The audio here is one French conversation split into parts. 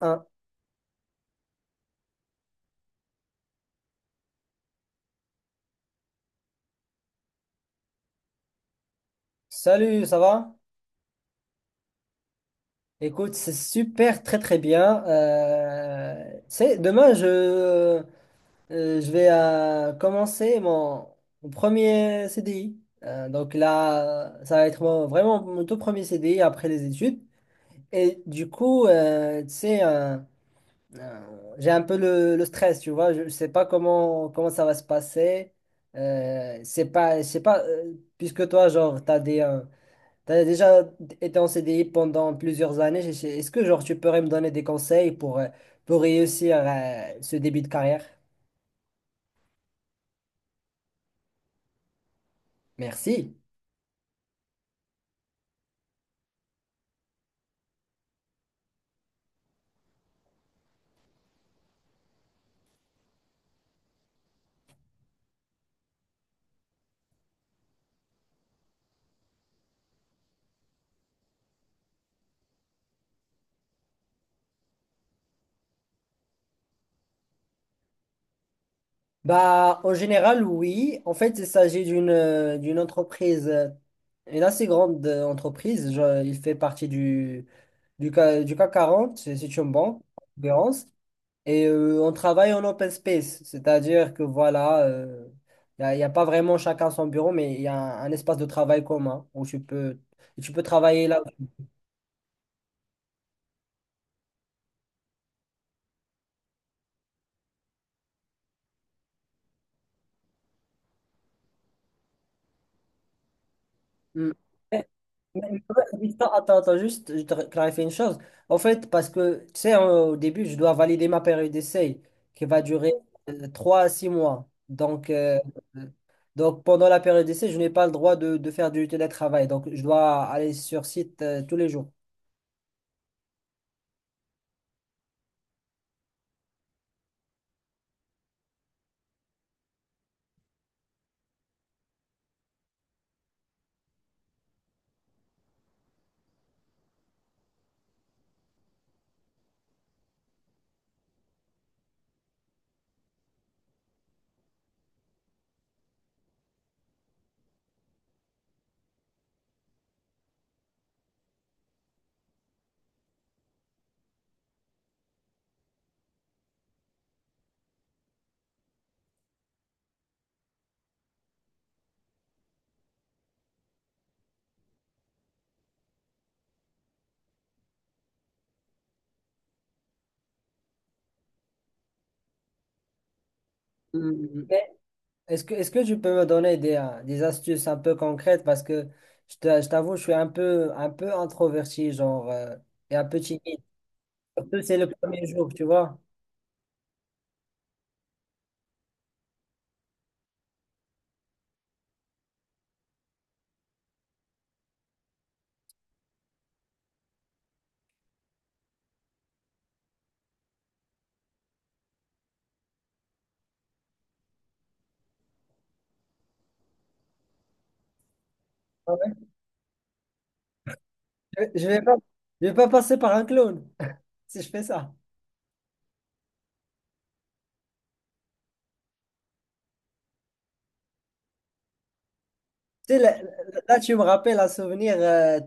Un. Salut, ça va? Écoute, c'est super, très très bien. C'est demain, je je vais commencer mon premier CDI. Donc là, ça va être vraiment mon tout premier CDI après les études. Et du coup, tu sais, j'ai un peu le stress, tu vois. Je ne sais pas comment ça va se passer. C'est pas, je sais pas, puisque toi, genre, tu as des, t'as déjà été en CDI pendant plusieurs années. Est-ce que genre tu pourrais me donner des conseils pour réussir ce début de carrière? Merci. Bah, en général, oui. En fait, il s'agit d'une entreprise, une assez grande entreprise. Il fait partie du CAC 40. C'est une banque, en l'occurrence. On travaille en open space, c'est-à-dire que voilà, y a pas vraiment chacun son bureau, mais il y a un espace de travail commun où tu peux travailler là. Mm. Mais- mais- Attends, attends, attends, juste, je te clarifie une chose. En fait, parce que, tu sais, hein, au début, je dois valider ma période d'essai qui va durer 3 à 6 mois. Euh, donc pendant la période d'essai, je n'ai pas le droit de faire du télétravail. Donc, je dois aller sur site tous les jours. Hmm. Est-ce est-ce que tu peux me donner des astuces un peu concrètes? Parce que je t'avoue, je suis un peu introverti, genre, et un peu timide. Surtout, c'est le premier jour, tu vois. Ah ouais? Je je vais pas, je vais pas passer par un clown si je fais ça. Tu sais, là, tu me rappelles un souvenir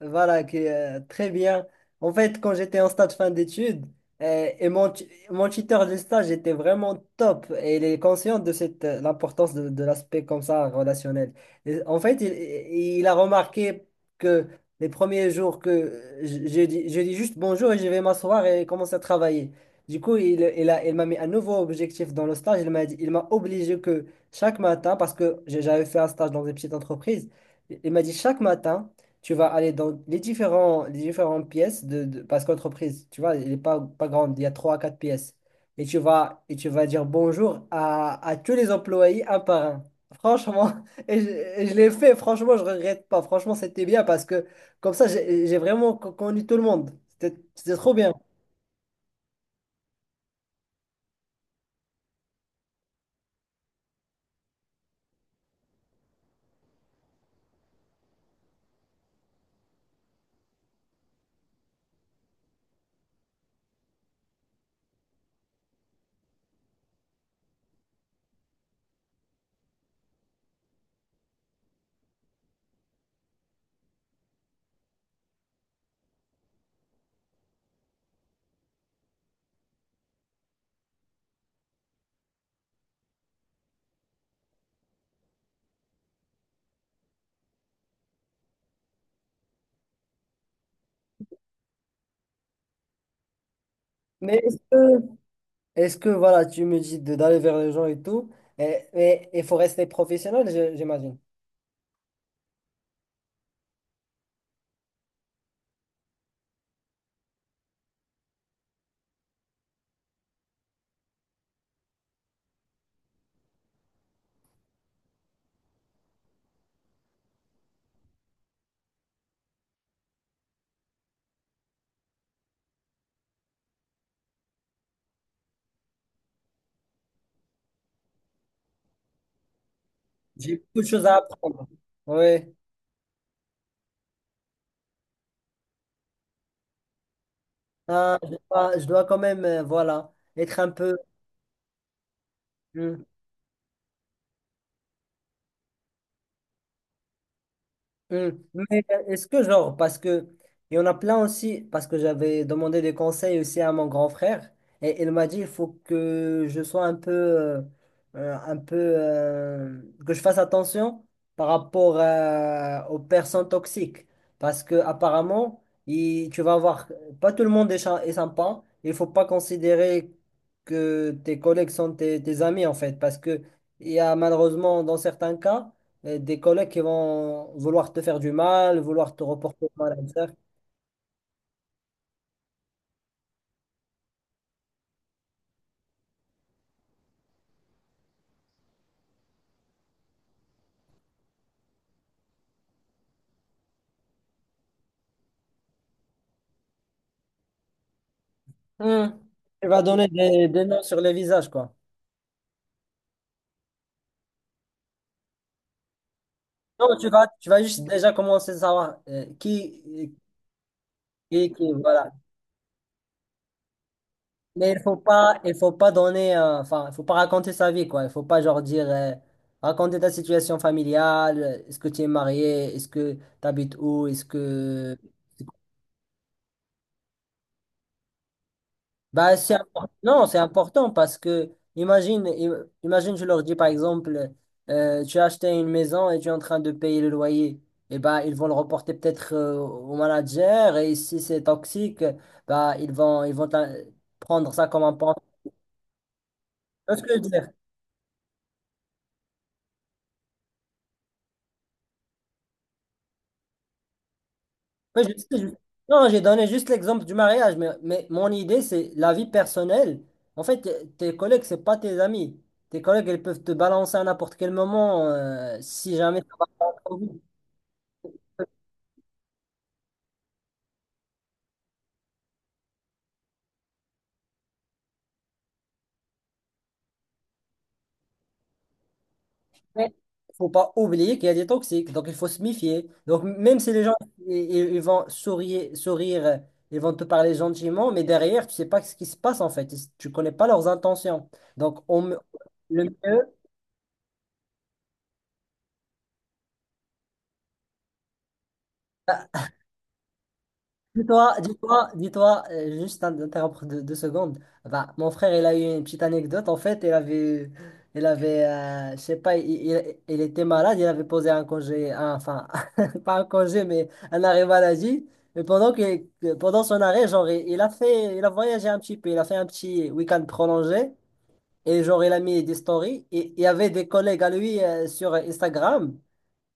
voilà, qui est très bien. En fait, quand j'étais en stage fin d'études, mon tuteur de stage était vraiment top et il est conscient de cette, l'importance de l'aspect comme ça relationnel. Et en fait, il a remarqué que les premiers jours que je dis juste bonjour et je vais m'asseoir et commencer à travailler. Du coup, il m'a mis un nouveau objectif dans le stage. Il m'a dit, il m'a obligé que chaque matin, parce que j'avais fait un stage dans une petite entreprise, il m'a dit chaque matin tu vas aller dans les les différentes pièces parce qu'entreprise, tu vois, elle n'est pas, pas grande, il y a 3 à 4 pièces. Et tu vas dire bonjour à tous les employés un par un. Franchement, et je l'ai fait, franchement, je regrette pas. Franchement, c'était bien parce que comme ça, j'ai vraiment connu tout le monde. C'était trop bien. Mais est-ce que, voilà, tu me dis d'aller vers les gens et tout, et il faut rester professionnel, j'imagine. J'ai beaucoup de choses à apprendre. Oui. Ah, je dois quand même, voilà, être un peu. Hmm. Hmm. Mais est-ce que genre, parce que il y en a plein aussi, parce que j'avais demandé des conseils aussi à mon grand frère, et il m'a dit il faut que je sois un peu, que je fasse attention par rapport aux personnes toxiques, parce que apparemment, tu vas avoir, pas tout le monde est, est sympa, il faut pas considérer que tes collègues sont tes, tes amis en fait, parce que il y a malheureusement dans certains cas des collègues qui vont vouloir te faire du mal, vouloir te reporter au manager. Hmm. Tu vas donner des noms sur les visages, quoi. Non, tu vas juste déjà commencer à savoir qui, voilà. Mais il faut pas donner, enfin, il faut pas raconter sa vie, quoi. Il faut pas, genre, dire, raconter ta situation familiale. Est-ce que tu es marié? Est-ce que tu habites où? Est-ce que, bah, non, c'est important parce que, imagine, imagine, je leur dis par exemple, tu as acheté une maison et tu es en train de payer le loyer. Et bah, ils vont le reporter peut-être au manager et si c'est toxique, bah, ils vont prendre ça comme un pan. Tu vois ce que je veux dire? Oui, non, j'ai donné juste l'exemple du mariage, mais mon idée, c'est la vie personnelle. En fait, tes collègues, c'est pas tes amis. Tes collègues, ils peuvent te balancer à n'importe quel moment si jamais ça va pas. Mais il faut pas oublier qu'il y a des toxiques, donc il faut se méfier. Donc même si les gens ils vont sourire, sourire, ils vont te parler gentiment, mais derrière, tu sais pas ce qui se passe en fait. Tu connais pas leurs intentions. Donc on, me- le mieux, dis-toi, interrompre deux, deux secondes. Bah, mon frère, il a eu une petite anecdote. En fait, je sais pas, il était malade. Il avait posé un congé, enfin, pas un congé, mais un arrêt maladie. Mais pendant pendant son arrêt, genre, il a voyagé un petit peu. Il a fait un petit week-end prolongé. Et genre, il a mis des stories. Et il y avait des collègues à lui, sur Instagram.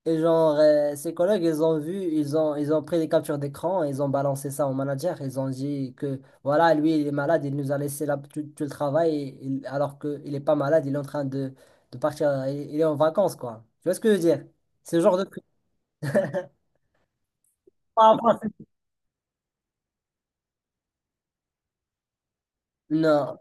Et genre, ses collègues, ils ont vu, ils ont pris des captures d'écran, et ils ont balancé ça au manager. Ils ont dit que, voilà, lui, il est malade, il nous a laissé là, tout le travail, alors qu'il n'est pas malade, il est en train de partir, il est en vacances, quoi. Tu vois ce que je veux dire? Ce genre de truc. Pas en. Non.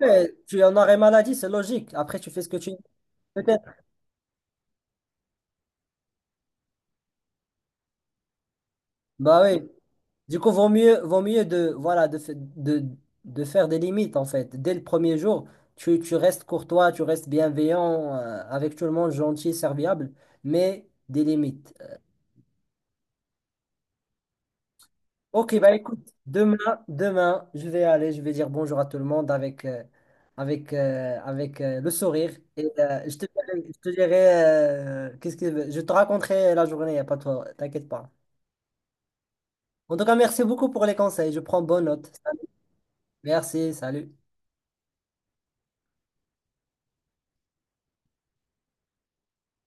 Ouais, tu en arrêt maladie, c'est logique. Après, tu fais ce que tu veux. Peut-être. Bah oui. Du coup, vaut mieux de, voilà, de faire des limites, en fait. Dès le premier jour, tu restes courtois, tu restes bienveillant, avec tout le monde, gentil, serviable, mais des limites. Ok, bah écoute, demain, je vais dire bonjour à tout le monde avec le sourire. Et je te dirai, je te raconterai la journée, y a pas de, t'inquiète pas. En tout cas, merci beaucoup pour les conseils, je prends bonne note. Merci, salut.